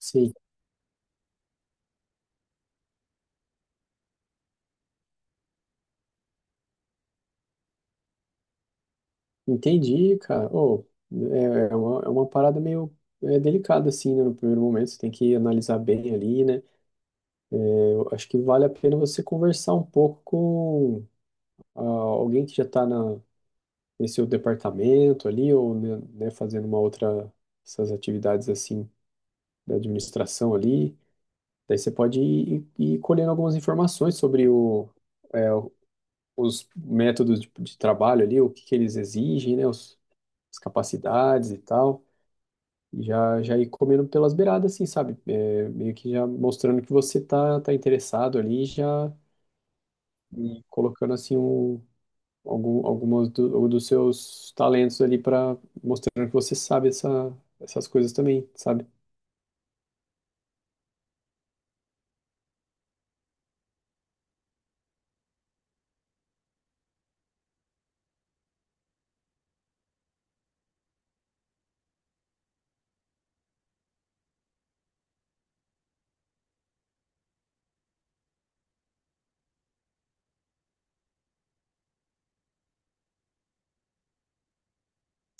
Sim, entendi, cara. Oh, é uma parada meio delicada, assim, né? No primeiro momento, você tem que analisar bem ali, né? Eu acho que vale a pena você conversar um pouco com alguém que já está nesse seu departamento ali, ou né, fazendo essas atividades, assim, da administração ali. Daí você pode ir colhendo algumas informações sobre é, o- os métodos de trabalho ali, o que que eles exigem, né? As capacidades e tal. E já ir comendo pelas beiradas, assim, sabe? É, meio que já mostrando que tá interessado ali, já e colocando, assim, algumas dos seus talentos ali para mostrando que você sabe essas coisas também, sabe?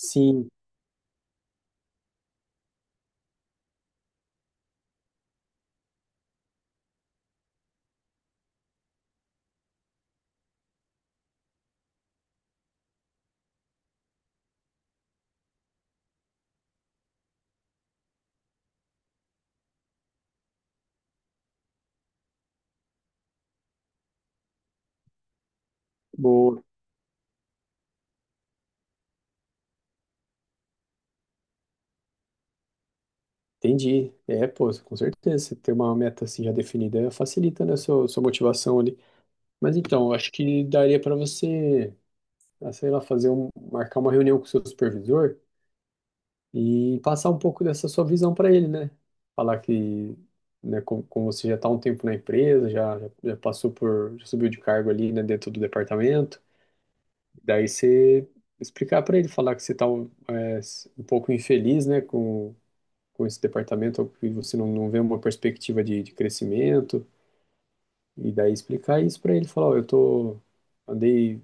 Sim, boa, entendi. É, pô, com certeza, você ter uma meta, assim, já definida facilita, né, sua motivação ali. Mas então, eu acho que daria para você sei lá, fazer marcar uma reunião com o seu supervisor e passar um pouco dessa sua visão para ele, né? Falar né, como você já está um tempo na empresa, já passou por, já subiu de cargo ali, né, dentro do departamento, daí você explicar para ele, falar que você está um pouco infeliz, né, com esse departamento, que você não vê uma perspectiva de crescimento, e daí explicar isso para ele, falar, ó, eu tô, andei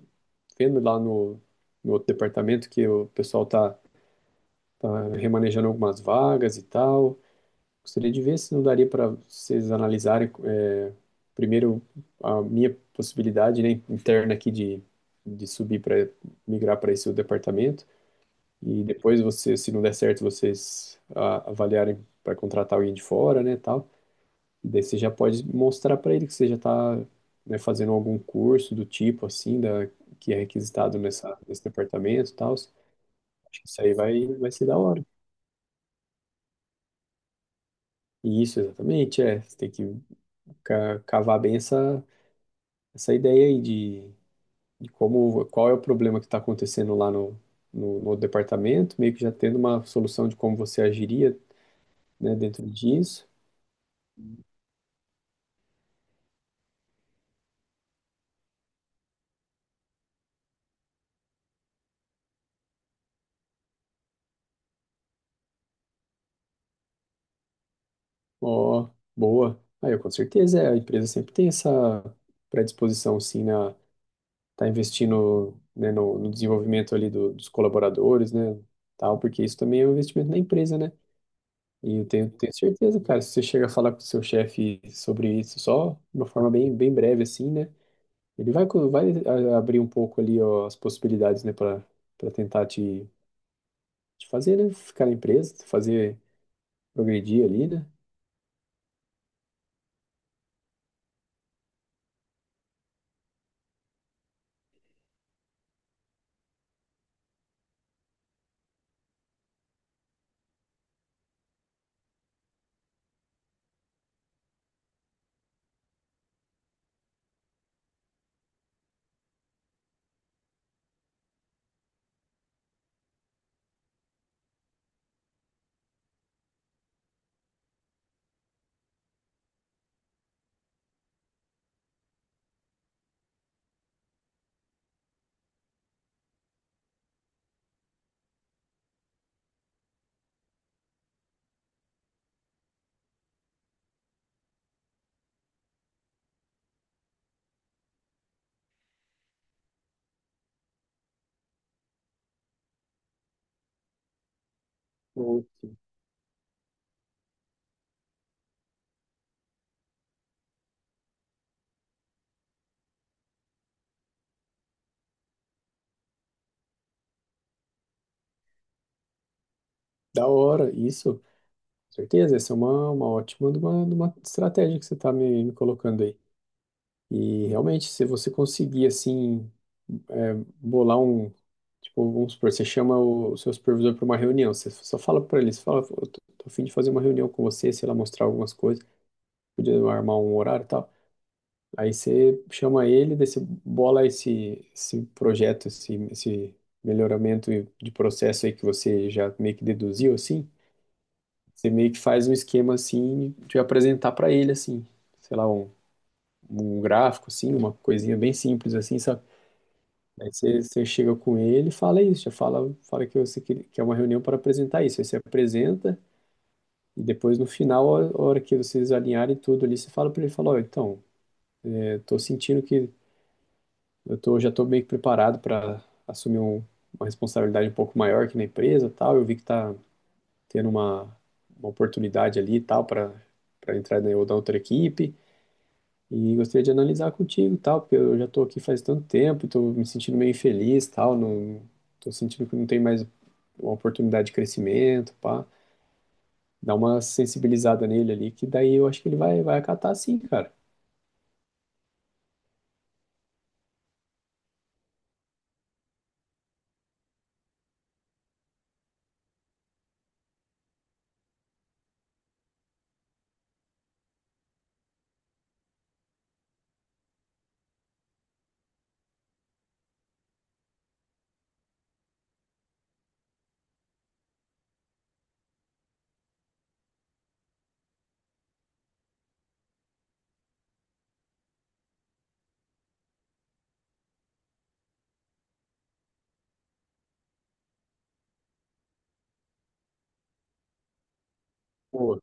vendo lá no outro departamento que o pessoal tá remanejando algumas vagas e tal. Gostaria de ver se não daria para vocês analisarem primeiro a minha possibilidade, né, interna aqui de subir para migrar para esse departamento e depois você, se não der certo, vocês avaliarem para contratar alguém de fora, né, tal. E daí você já pode mostrar para ele que você já está, né, fazendo algum curso do tipo assim, da que é requisitado nessa nesse departamento, tal. Acho que isso aí vai ser da hora. E isso, exatamente, é. Você tem que cavar bem essa ideia aí de como, qual é o problema que está acontecendo lá no departamento, meio que já tendo uma solução de como você agiria, né, dentro disso. Ó, boa. Aí, eu com certeza, é, a empresa sempre tem essa predisposição, sim, na tá investindo, né, no desenvolvimento ali dos colaboradores, né, tal, porque isso também é um investimento na empresa, né? E eu tenho certeza, cara, se você chega a falar com o seu chefe sobre isso só de uma forma bem breve, assim, né? Ele vai, vai abrir um pouco ali, ó, as possibilidades, né, para para tentar te fazer, né, ficar na empresa, te fazer progredir ali, né? Pô, da hora, isso, com certeza, essa é uma ótima de uma estratégia que você está me colocando aí. E realmente, se você conseguir, assim, é, bolar um, tipo, vamos supor, você chama o seu supervisor para uma reunião, você só fala para ele, você fala, "Pô, tô a fim de fazer uma reunião com você, sei lá, mostrar algumas coisas, podia armar um horário e tal." Aí você chama ele, daí você bola esse projeto, esse melhoramento de processo aí que você já meio que deduziu, assim. Você meio que faz um esquema, assim, de apresentar para ele, assim. Sei lá, um gráfico, assim, uma coisinha bem simples, assim, sabe? Aí você chega com ele e fala isso, já fala, fala que você quer, que é uma reunião para apresentar isso. Aí você apresenta e depois, no final, a hora que vocês alinharem tudo ali, você fala para ele, fala, ó, então, eu tô sentindo que eu tô, já estou meio que preparado para assumir uma responsabilidade um pouco maior aqui na empresa, e tal. Eu vi que está tendo uma oportunidade ali, e tal, para para entrar na ou na outra equipe. E gostaria de analisar contigo, e tal, porque eu já estou aqui faz tanto tempo, estou me sentindo meio infeliz, e tal. Não, estou sentindo que não tem mais uma oportunidade de crescimento, pá. Dá uma sensibilizada nele ali, que daí eu acho que ele vai acatar sim, cara. Pô,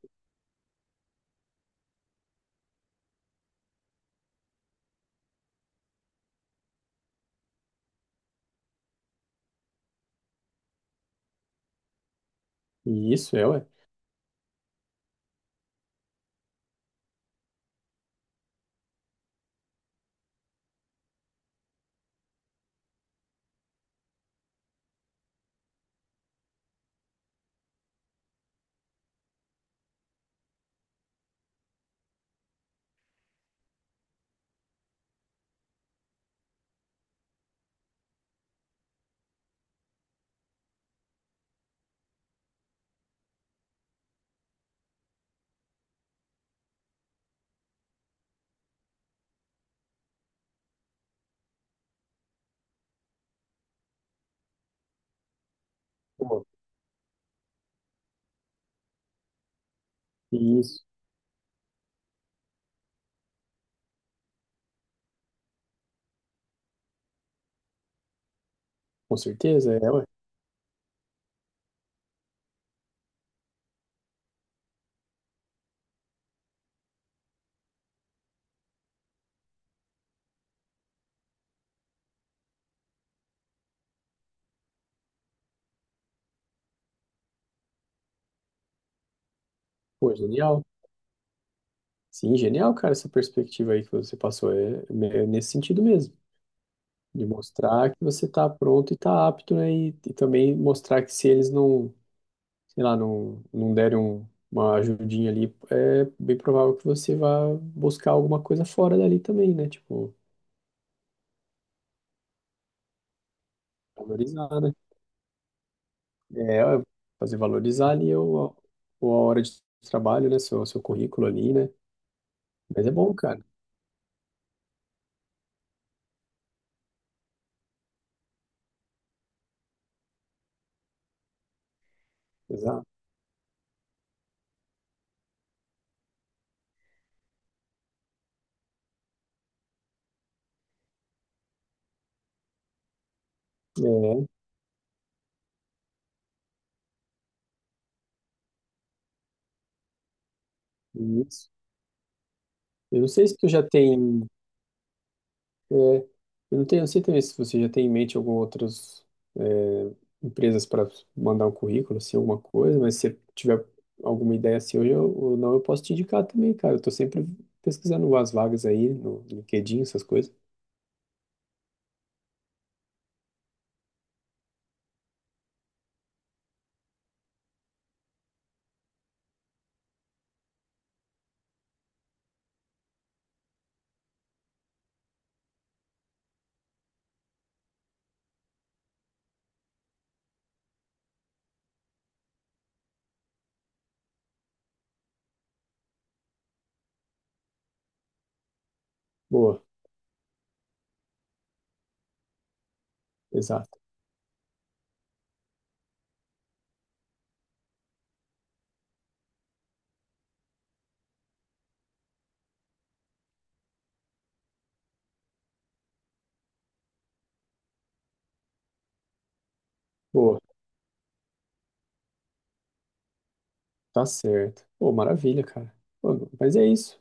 e isso é, ué. Pô, e isso, com certeza é, ué. Pô, genial. Sim, genial, cara, essa perspectiva aí que você passou. É, é nesse sentido mesmo, de mostrar que você está pronto e está apto, né? E também mostrar que se eles não, sei lá, não derem uma ajudinha ali, é bem provável que você vá buscar alguma coisa fora dali também, né? Tipo, valorizar, né? É, fazer valorizar ali a hora de trabalho, né? Seu currículo ali, né? Mas é bom, cara. Exato. É, isso. Eu não sei se tu já tem. É, eu não tenho, não sei também se você já tem em mente algumas outras é, empresas para mandar um currículo, assim, alguma coisa, mas se você tiver alguma ideia assim hoje ou não, eu posso te indicar também, cara. Eu tô sempre pesquisando umas vagas aí no LinkedIn, essas coisas. Boa, exato. Boa, tá certo. Pô, maravilha, cara. Pô, mas é isso.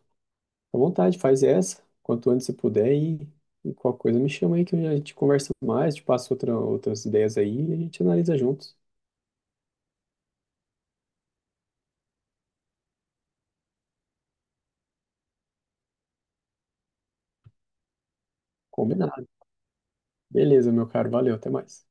À vontade, faz essa, quanto antes você puder e qualquer coisa me chama aí que a gente conversa mais, te passo outras ideias aí e a gente analisa juntos. Combinado. Beleza, meu caro. Valeu, até mais.